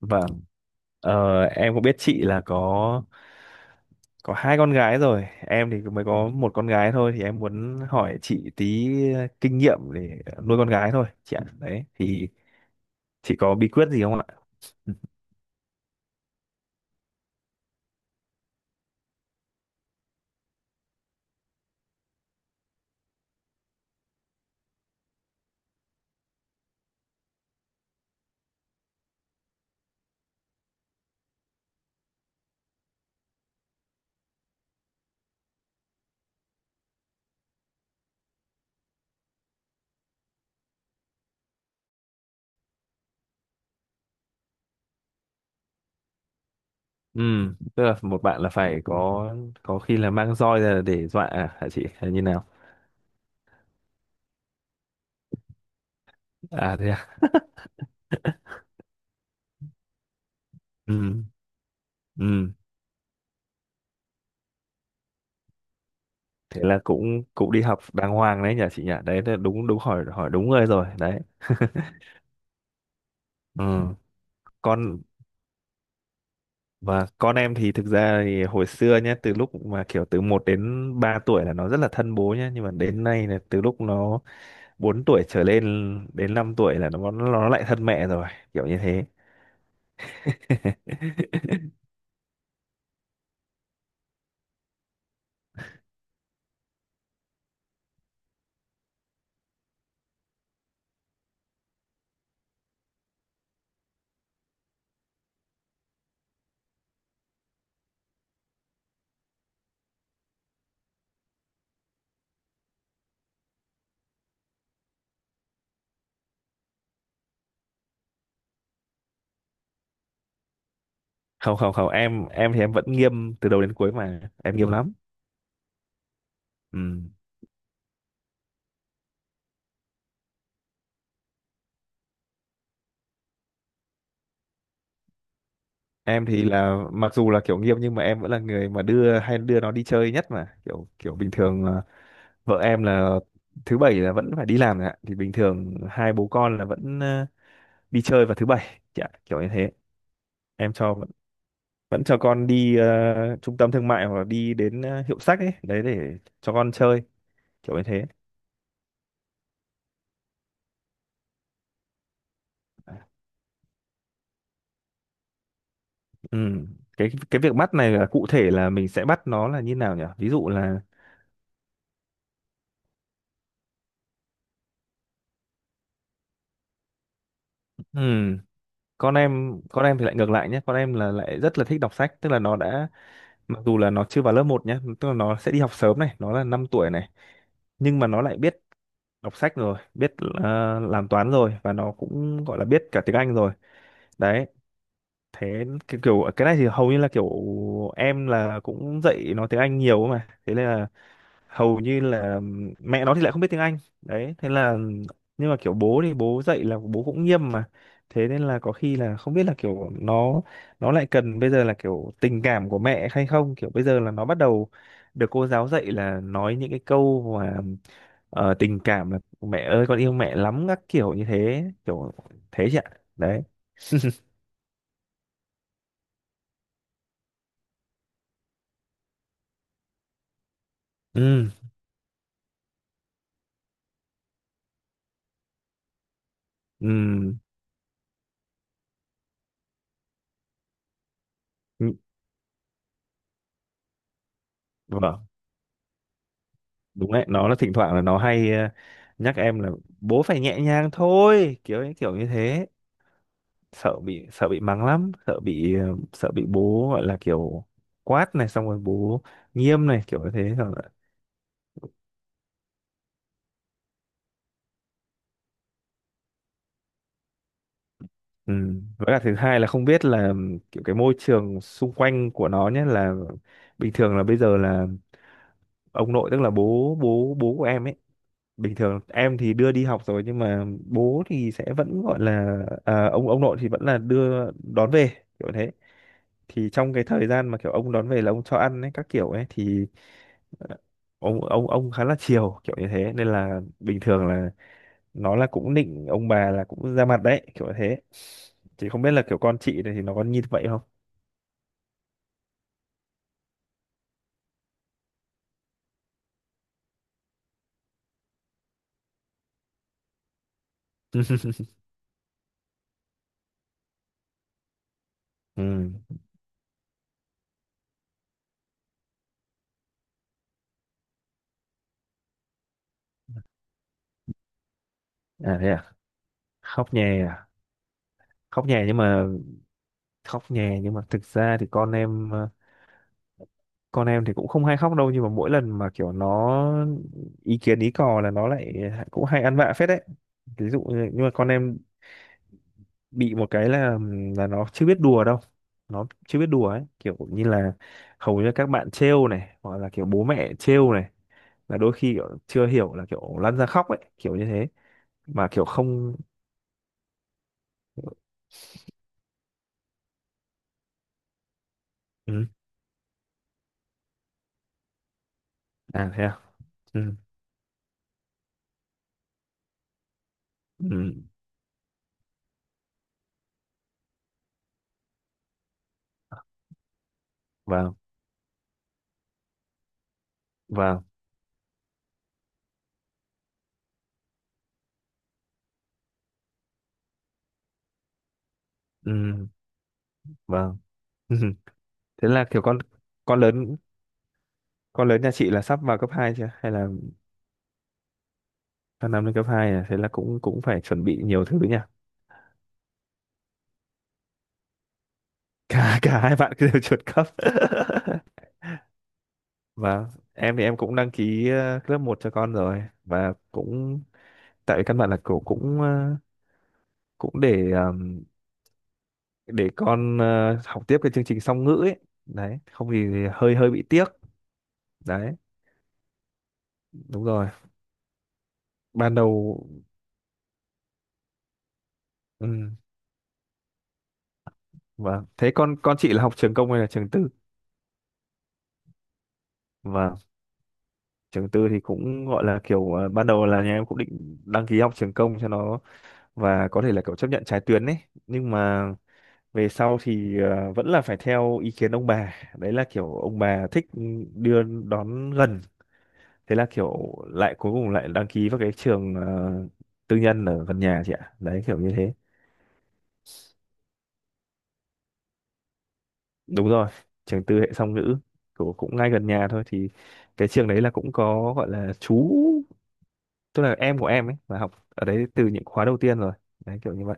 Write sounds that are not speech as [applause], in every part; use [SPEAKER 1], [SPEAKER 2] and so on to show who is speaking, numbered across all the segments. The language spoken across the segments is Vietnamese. [SPEAKER 1] Vâng, em cũng biết chị là có hai con gái rồi, em thì mới có một con gái thôi thì em muốn hỏi chị tí kinh nghiệm để nuôi con gái thôi chị ạ. Đấy thì chị có bí quyết gì không ạ? Ừ, tức là một bạn là phải có khi là mang roi ra để dọa à, hả chị hay như nào? À thế à. Ừ, ừ. Thế là cũng cũng đi học đàng hoàng đấy nhỉ chị nhỉ. Đấy là đúng đúng hỏi hỏi đúng người rồi đấy. Ừ. Con Và con em thì thực ra thì hồi xưa nhé, từ lúc mà kiểu từ một đến 3 tuổi là nó rất là thân bố nhé, nhưng mà đến nay là từ lúc nó 4 tuổi trở lên đến 5 tuổi là nó lại thân mẹ rồi, kiểu như thế. [laughs] Không, không, không, em thì em vẫn nghiêm từ đầu đến cuối mà, em nghiêm lắm. Ừ. Em thì là mặc dù là kiểu nghiêm nhưng mà em vẫn là người mà đưa hay đưa nó đi chơi nhất mà, kiểu kiểu bình thường là vợ em là thứ bảy là vẫn phải đi làm rồi ạ, thì bình thường hai bố con là vẫn đi chơi vào thứ bảy, dạ, kiểu như thế. Em cho vẫn vẫn cho con đi trung tâm thương mại hoặc là đi đến hiệu sách ấy đấy để cho con chơi kiểu như thế. Ừ. cái việc bắt này là cụ thể là mình sẽ bắt nó là như nào nhỉ, ví dụ là ừ. Con em thì lại ngược lại nhé, con em là lại rất là thích đọc sách, tức là nó đã mặc dù là nó chưa vào lớp một nhé, tức là nó sẽ đi học sớm này, nó là 5 tuổi này, nhưng mà nó lại biết đọc sách rồi biết làm toán rồi và nó cũng gọi là biết cả tiếng Anh rồi đấy. Thế cái kiểu cái này thì hầu như là kiểu em là cũng dạy nó tiếng Anh nhiều mà, thế nên là hầu như là mẹ nó thì lại không biết tiếng Anh đấy, thế là nhưng mà kiểu bố thì bố dạy là bố cũng nghiêm mà, thế nên là có khi là không biết là kiểu nó lại cần bây giờ là kiểu tình cảm của mẹ hay không, kiểu bây giờ là nó bắt đầu được cô giáo dạy là nói những cái câu mà tình cảm là mẹ ơi con yêu mẹ lắm các kiểu như thế kiểu, thế chị ạ. Đấy. Ừ. Ừ. Vâng, đúng đấy, nó là thỉnh thoảng là nó hay nhắc em là bố phải nhẹ nhàng thôi kiểu ấy, kiểu như thế. Sợ bị mắng lắm, sợ bị sợ bị bố gọi là kiểu quát này, xong rồi bố nghiêm này kiểu như thế xong rồi, ừ. Với cả thứ hai là không biết là kiểu cái môi trường xung quanh của nó nhé, là bình thường là bây giờ là ông nội tức là bố bố bố của em ấy, bình thường em thì đưa đi học rồi nhưng mà bố thì sẽ vẫn gọi là à, ông nội thì vẫn là đưa đón về kiểu thế. Thì trong cái thời gian mà kiểu ông đón về là ông cho ăn ấy các kiểu ấy thì ờ, ông khá là chiều kiểu như thế, nên là bình thường là nó là cũng nịnh ông bà là cũng ra mặt đấy kiểu như thế, thì không biết là kiểu con chị này thì nó có như vậy không. [laughs] Ừ. À thế à. Khóc nhè à? Khóc nhè nhưng mà, khóc nhè nhưng mà thực ra thì con em con em thì cũng không hay khóc đâu, nhưng mà mỗi lần mà kiểu nó ý kiến ý cò là nó lại cũng hay ăn vạ phết đấy. Ví dụ như, nhưng mà con em bị một cái là nó chưa biết đùa đâu, nó chưa biết đùa ấy kiểu như là hầu như các bạn trêu này hoặc là kiểu bố mẹ trêu này là đôi khi kiểu chưa hiểu là kiểu lăn ra khóc ấy kiểu như thế, mà kiểu không. Ừ. À thế à. Ừ. Ừ. Vâng. Vâng. Ừ. Vâng. [laughs] Thế là kiểu con, con lớn. Con lớn nhà chị là sắp vào cấp 2 chưa? Hay là sang năm lên cấp 2 à? Thế là cũng cũng phải chuẩn bị nhiều thứ nha. [laughs] Cả cả hai bạn cứ đều chuẩn cấp. [laughs] Và em thì em cũng đăng ký lớp một cho con rồi và cũng tại vì căn bản là cổ cũng cũng để con học tiếp cái chương trình song ngữ ấy. Đấy, không thì hơi hơi bị tiếc. Đấy, đúng rồi. Ban đầu ừ, vâng. Thế con chị là học trường công hay là trường tư? Vâng. Trường tư thì cũng gọi là kiểu ban đầu là nhà em cũng định đăng ký học trường công cho nó và có thể là kiểu chấp nhận trái tuyến ấy, nhưng mà về sau thì vẫn là phải theo ý kiến ông bà, đấy là kiểu ông bà thích đưa đón gần, thế là kiểu lại cuối cùng lại đăng ký vào cái trường tư nhân ở gần nhà chị ạ đấy kiểu như thế. Đúng rồi, trường tư hệ song ngữ của cũng ngay gần nhà thôi thì cái trường đấy là cũng có gọi là chú, tức là em của em ấy là học ở đấy từ những khóa đầu tiên rồi đấy kiểu như vậy.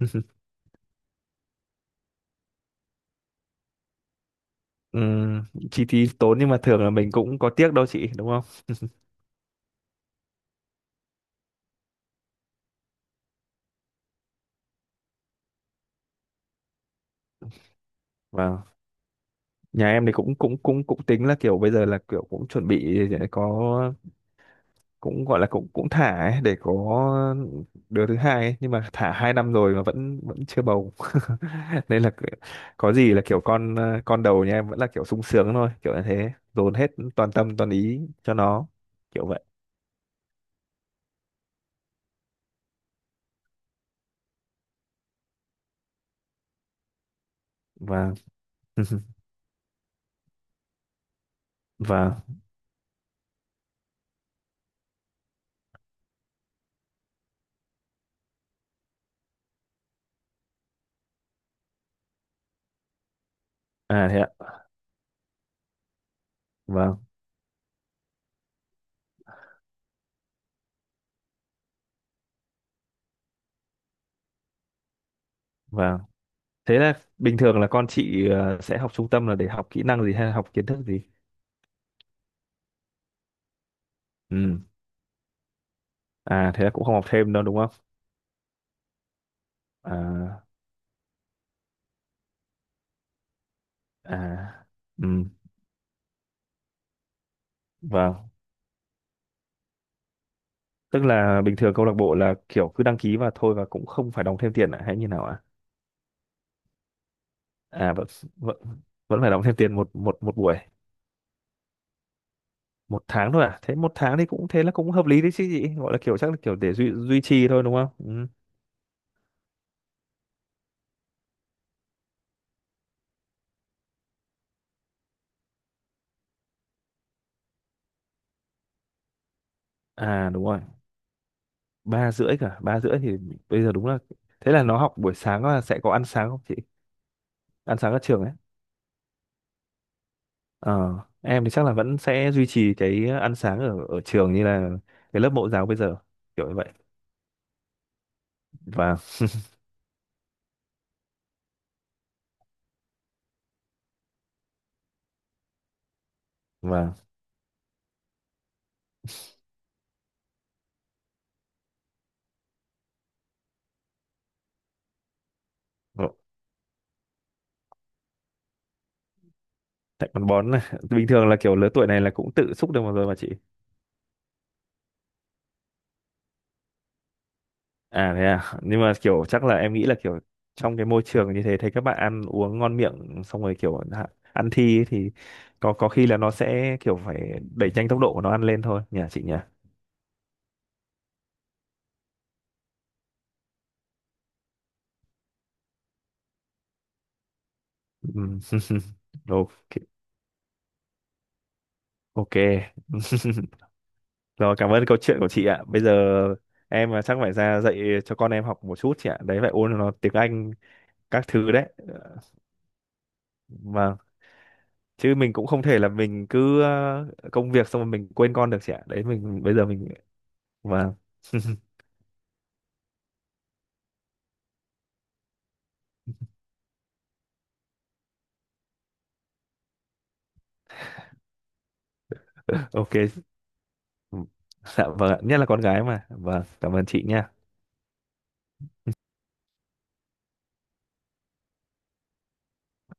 [SPEAKER 1] [laughs] Ừm, chi phí tốn nhưng mà thường là mình cũng có tiếc đâu chị đúng không. Và nhà em thì cũng cũng cũng cũng tính là kiểu bây giờ là kiểu cũng chuẩn bị để có cũng gọi là cũng cũng thả ấy, để có đứa thứ hai ấy. Nhưng mà thả hai năm rồi mà vẫn vẫn chưa bầu. [laughs] Nên là cứ- có gì là kiểu con con đầu nhà em vẫn là kiểu sung sướng thôi kiểu như thế, dồn hết toàn tâm toàn ý cho nó kiểu vậy và [laughs] và à thế ạ. Vâng. Vâng. Thế là bình thường là con chị sẽ học trung tâm là để học kỹ năng gì hay là học kiến thức gì. Ừ. À thế là cũng không học thêm đâu đúng không. À. À. Ừ. Vâng. Tức là bình thường câu lạc bộ là kiểu cứ đăng ký và thôi và cũng không phải đóng thêm tiền à hay như nào ạ? À vẫn vẫn vẫn phải đóng thêm tiền một một một buổi, một tháng thôi à? Thế một tháng thì cũng thế là cũng hợp lý đấy chứ gì, gọi là kiểu chắc là kiểu để duy duy trì thôi đúng không. Ừ. À đúng rồi. Ba rưỡi thì bây giờ đúng là thế là nó học buổi sáng là sẽ có ăn sáng không chị, ăn sáng ở trường ấy. Ờ, em thì chắc là vẫn sẽ duy trì cái ăn sáng ở ở trường như là cái lớp mẫu giáo bây giờ kiểu như vậy và và tại con bón này. [laughs] Bình thường là kiểu lứa tuổi này là cũng tự xúc được một rồi mà chị. À thế à, nhưng mà kiểu chắc là em nghĩ là kiểu trong cái môi trường như thế thấy các bạn ăn uống ngon miệng xong rồi kiểu hạ- ăn thi ấy thì có khi là nó sẽ kiểu phải đẩy nhanh tốc độ của nó ăn lên thôi nhỉ chị nhỉ. Ừm, [laughs] ok. Ok. [laughs] Rồi, cảm ơn câu chuyện của chị ạ. Bây giờ em à, chắc phải ra dạy cho con em học một chút chị ạ, đấy phải ôn nó tiếng Anh các thứ đấy. Vâng. Chứ mình cũng không thể là mình cứ công việc xong rồi mình quên con được chị ạ, đấy mình bây giờ mình vâng ok. Ừ. Dạ vâng ạ. Nhất là con gái mà, vâng, cảm ơn chị nha.